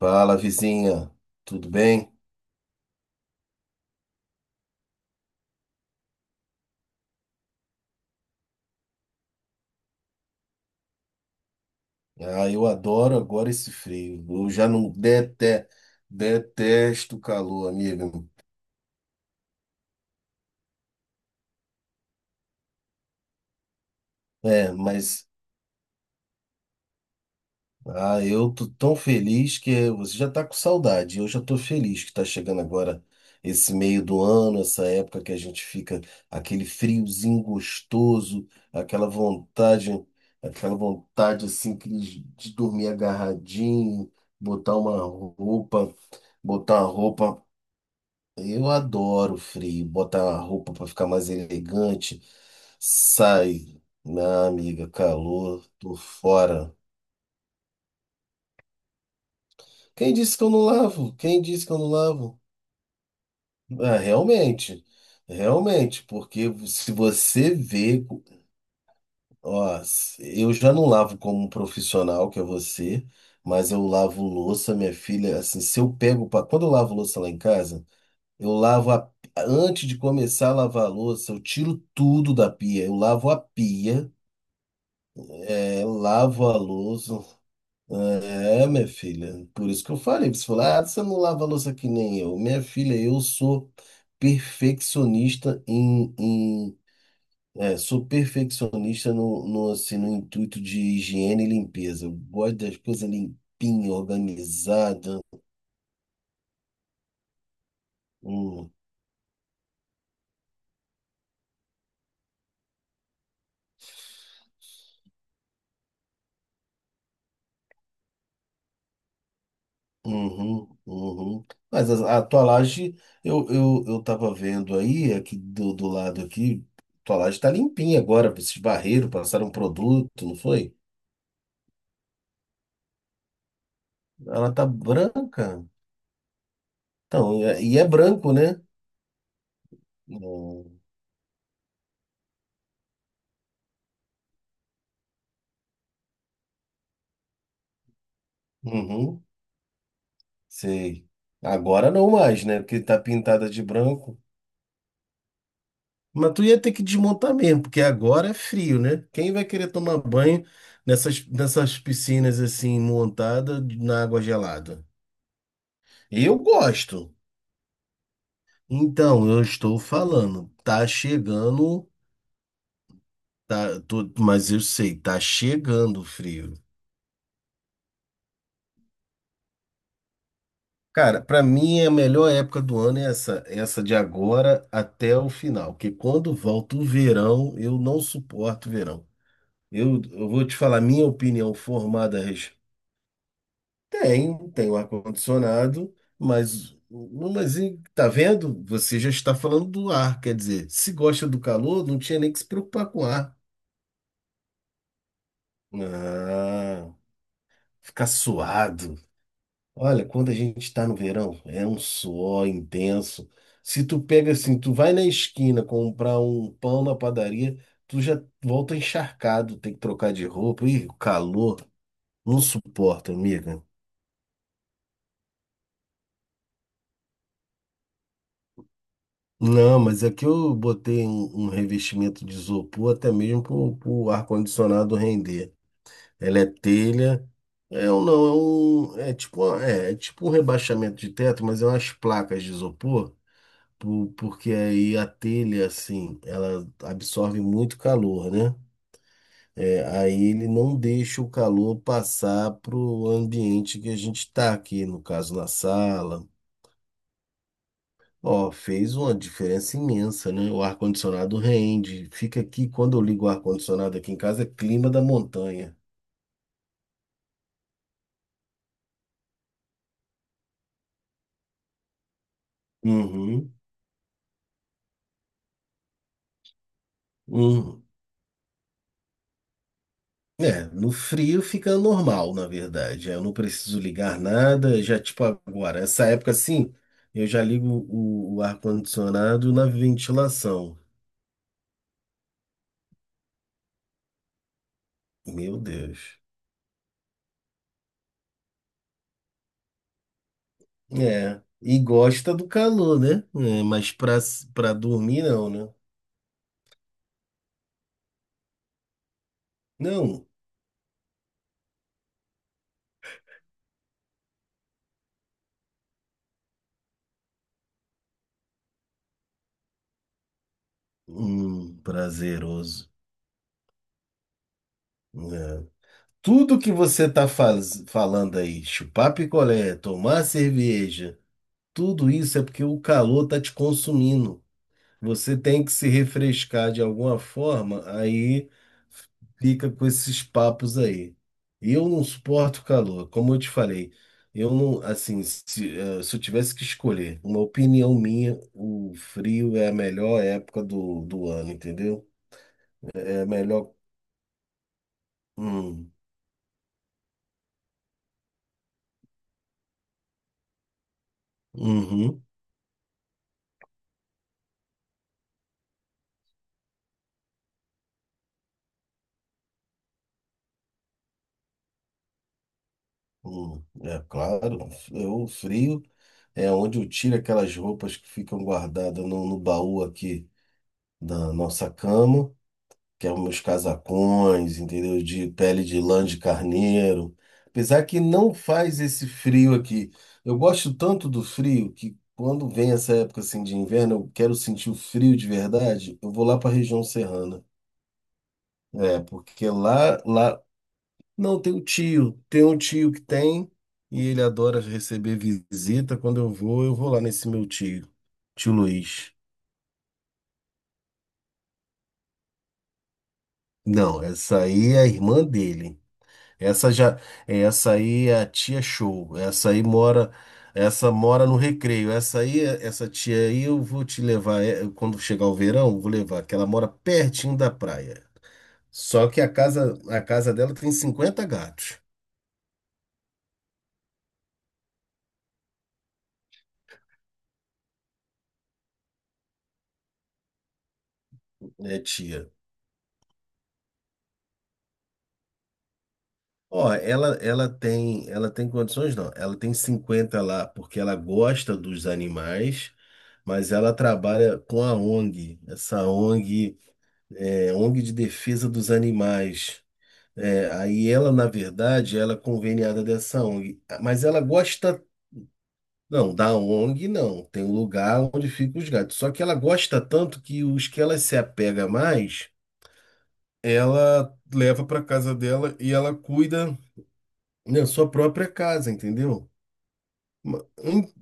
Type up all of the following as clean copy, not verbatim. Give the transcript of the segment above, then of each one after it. Fala, vizinha, tudo bem? Ah, eu adoro agora esse frio. Eu já não dete- Detesto o calor, amigo. É, mas eu tô tão feliz que você já tá com saudade. Eu já tô feliz que tá chegando agora esse meio do ano, essa época que a gente fica aquele friozinho gostoso, aquela vontade, aquela vontade assim que de dormir agarradinho, botar uma roupa, botar uma roupa. Eu adoro frio, botar uma roupa para ficar mais elegante. Sai, minha amiga, calor, tô fora. Quem disse que eu não lavo? Quem disse que eu não lavo? Ah, realmente, porque se você vê, ó, eu já não lavo como um profissional, que é você, mas eu lavo louça, minha filha, assim, se eu pego, pra, quando eu lavo louça lá em casa, Eu lavo a... antes de começar a lavar a louça, eu tiro tudo da pia. Eu lavo a pia, é, lavo a louça. É, minha filha. Por isso que eu falei. Você falou: ah, você não lava a louça que nem eu. Minha filha, eu sou perfeccionista em... é, sou perfeccionista no, assim, no intuito de higiene e limpeza. Eu gosto das coisas limpinhas, organizadas. Uhum, uhum. Mas a tua laje, eu tava vendo aí, aqui do lado aqui, tua laje tá limpinha agora, esses barreiros passaram um produto, não foi? Ela tá branca. Então, e é branco, né? Hum, uhum, sei. Agora não mais, né? Porque tá pintada de branco. Mas tu ia ter que desmontar mesmo, porque agora é frio, né? Quem vai querer tomar banho nessas piscinas assim, montadas na água gelada? Eu gosto. Então, eu estou falando, tá chegando, mas eu sei, tá chegando o frio. Cara, para mim é a melhor época do ano é essa de agora até o final, porque quando volta o verão, eu não suporto o verão. Eu vou te falar minha opinião formada a respeito. Tem o ar-condicionado, tá vendo? Você já está falando do ar, quer dizer, se gosta do calor, não tinha nem que se preocupar com o ar. Ah. Ficar suado. Olha, quando a gente está no verão, é um suor intenso. Se tu pega assim, tu vai na esquina comprar um pão na padaria, tu já volta encharcado, tem que trocar de roupa. Ih, o calor, não suporta, amiga. Não, mas aqui eu botei um revestimento de isopor até mesmo para o ar-condicionado render. Ela é telha. É um não, é um. É tipo, é, é tipo um rebaixamento de teto, mas é umas placas de isopor. Porque aí a telha, assim, ela absorve muito calor, né? É, aí ele não deixa o calor passar para o ambiente que a gente está aqui, no caso na sala. Ó, fez uma diferença imensa, né? O ar-condicionado rende. Fica aqui, quando eu ligo o ar-condicionado aqui em casa, é clima da montanha. Uhum. Uhum. É, no frio fica normal, na verdade. Eu não preciso ligar nada, já tipo agora, essa época assim, eu já ligo o ar-condicionado na ventilação. Meu Deus. É, e gosta do calor, né? É, mas pra dormir não, né? Não, prazeroso. É. Tudo que você tá falando aí, chupar picolé, tomar cerveja, tudo isso é porque o calor tá te consumindo. Você tem que se refrescar de alguma forma, aí fica com esses papos aí. E eu não suporto calor, como eu te falei. Eu não, assim, se eu tivesse que escolher, uma opinião minha, o frio é a melhor época do ano, entendeu? É a melhor. Hum, uhum, é claro, eu, o frio é onde eu tiro aquelas roupas que ficam guardadas no baú aqui da nossa cama. Que é meus casacões, entendeu? De pele de lã de carneiro. Apesar que não faz esse frio aqui. Eu gosto tanto do frio que quando vem essa época assim de inverno, eu quero sentir o frio de verdade, eu vou lá para a região serrana. É, porque lá não tem o tio, tem um tio que tem e ele adora receber visita. Quando eu vou lá nesse meu tio, tio Luiz. Não, essa aí é a irmã dele. Essa já, essa aí é a tia show. Essa mora no Recreio. Essa tia aí eu vou te levar é, quando chegar o verão, eu vou levar, que ela mora pertinho da praia. Só que a casa dela tem cinquenta gatos, né, tia? Ó, ela tem condições não. Ela tem 50 lá porque ela gosta dos animais, mas ela trabalha com a ONG, ONG de defesa dos animais. É, aí ela, na verdade, ela é conveniada dessa ONG, mas ela gosta, não, da ONG não, tem um lugar onde ficam os gatos. Só que ela gosta tanto que os que ela se apega mais, ela leva para casa dela e ela cuida na sua própria casa, entendeu? Ma- em-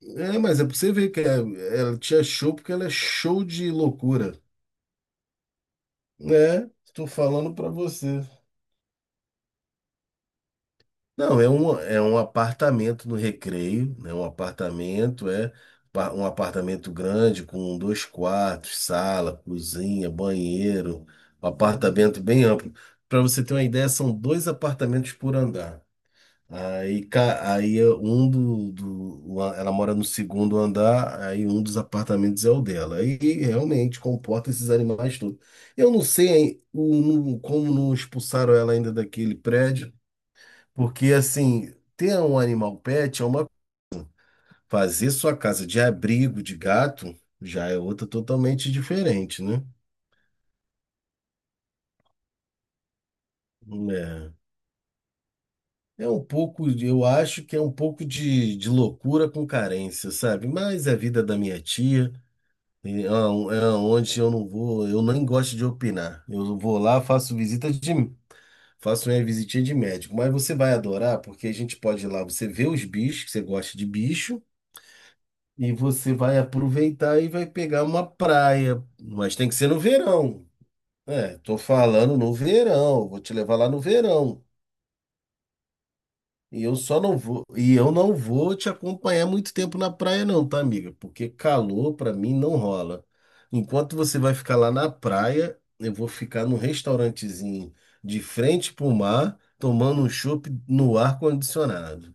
É, mas é pra você ver ela te achou porque ela é show de loucura. É, estou falando para você. Não, é um apartamento no Recreio, né? Um apartamento grande com dois quartos, sala, cozinha, banheiro, um apartamento bem amplo. Para você ter uma ideia, são dois apartamentos por andar. Aí, ca- aí é um do, do, o a- ela mora no segundo andar, aí um dos apartamentos é o dela. E realmente comporta esses animais todos. Eu não sei hein, como não expulsaram ela ainda daquele prédio. Porque, assim, ter um animal pet é uma. Fazer sua casa de abrigo de gato já é outra totalmente diferente, né? É, é um pouco, eu acho que é um pouco de loucura com carência, sabe? Mas é a vida da minha tia, é onde eu não vou, eu nem gosto de opinar. Eu vou lá, faço visita de. Faço minha visitinha de médico, mas você vai adorar, porque a gente pode ir lá, você vê os bichos, que você gosta de bicho. E você vai aproveitar e vai pegar uma praia. Mas tem que ser no verão. É, tô falando no verão. Vou te levar lá no verão. E eu não vou te acompanhar muito tempo na praia não, tá, amiga? Porque calor pra mim não rola. Enquanto você vai ficar lá na praia, eu vou ficar num restaurantezinho de frente pro mar, tomando um chopp no ar condicionado.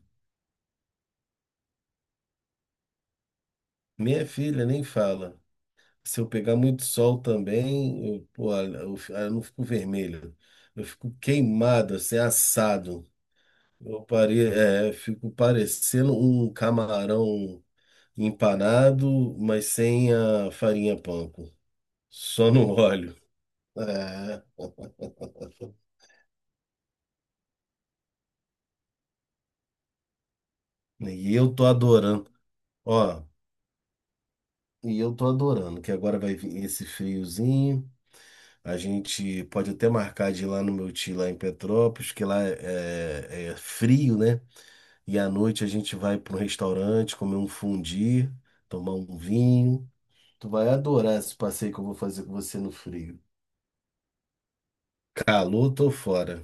Minha filha nem fala. Se eu pegar muito sol também, eu, pô, eu, fi- ah, eu não fico vermelho. Eu fico queimado, assim, assado. Eu parei, é, eu fico parecendo um camarão empanado, mas sem a farinha panko. Só no óleo. É, e eu tô adorando. Ó, e eu tô adorando, que agora vai vir esse friozinho. A gente pode até marcar de lá no meu tio, lá em Petrópolis, que lá é, é frio, né? E à noite a gente vai para um restaurante, comer um fundi, tomar um vinho. Tu vai adorar esse passeio que eu vou fazer com você no frio. Calor, tô fora.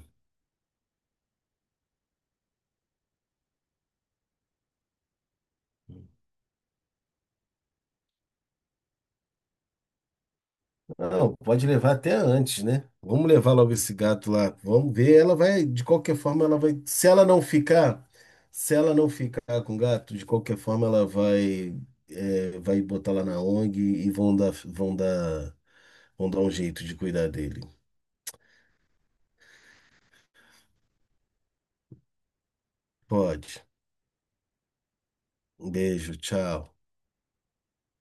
Não, pode levar até antes, né? Vamos levar logo esse gato lá. Vamos ver. Ela vai, de qualquer forma, ela vai. Se ela não ficar, se ela não ficar com o gato, de qualquer forma, ela vai, é, vai botar lá na ONG e vão dar um jeito de cuidar dele. Pode. Um beijo, tchau.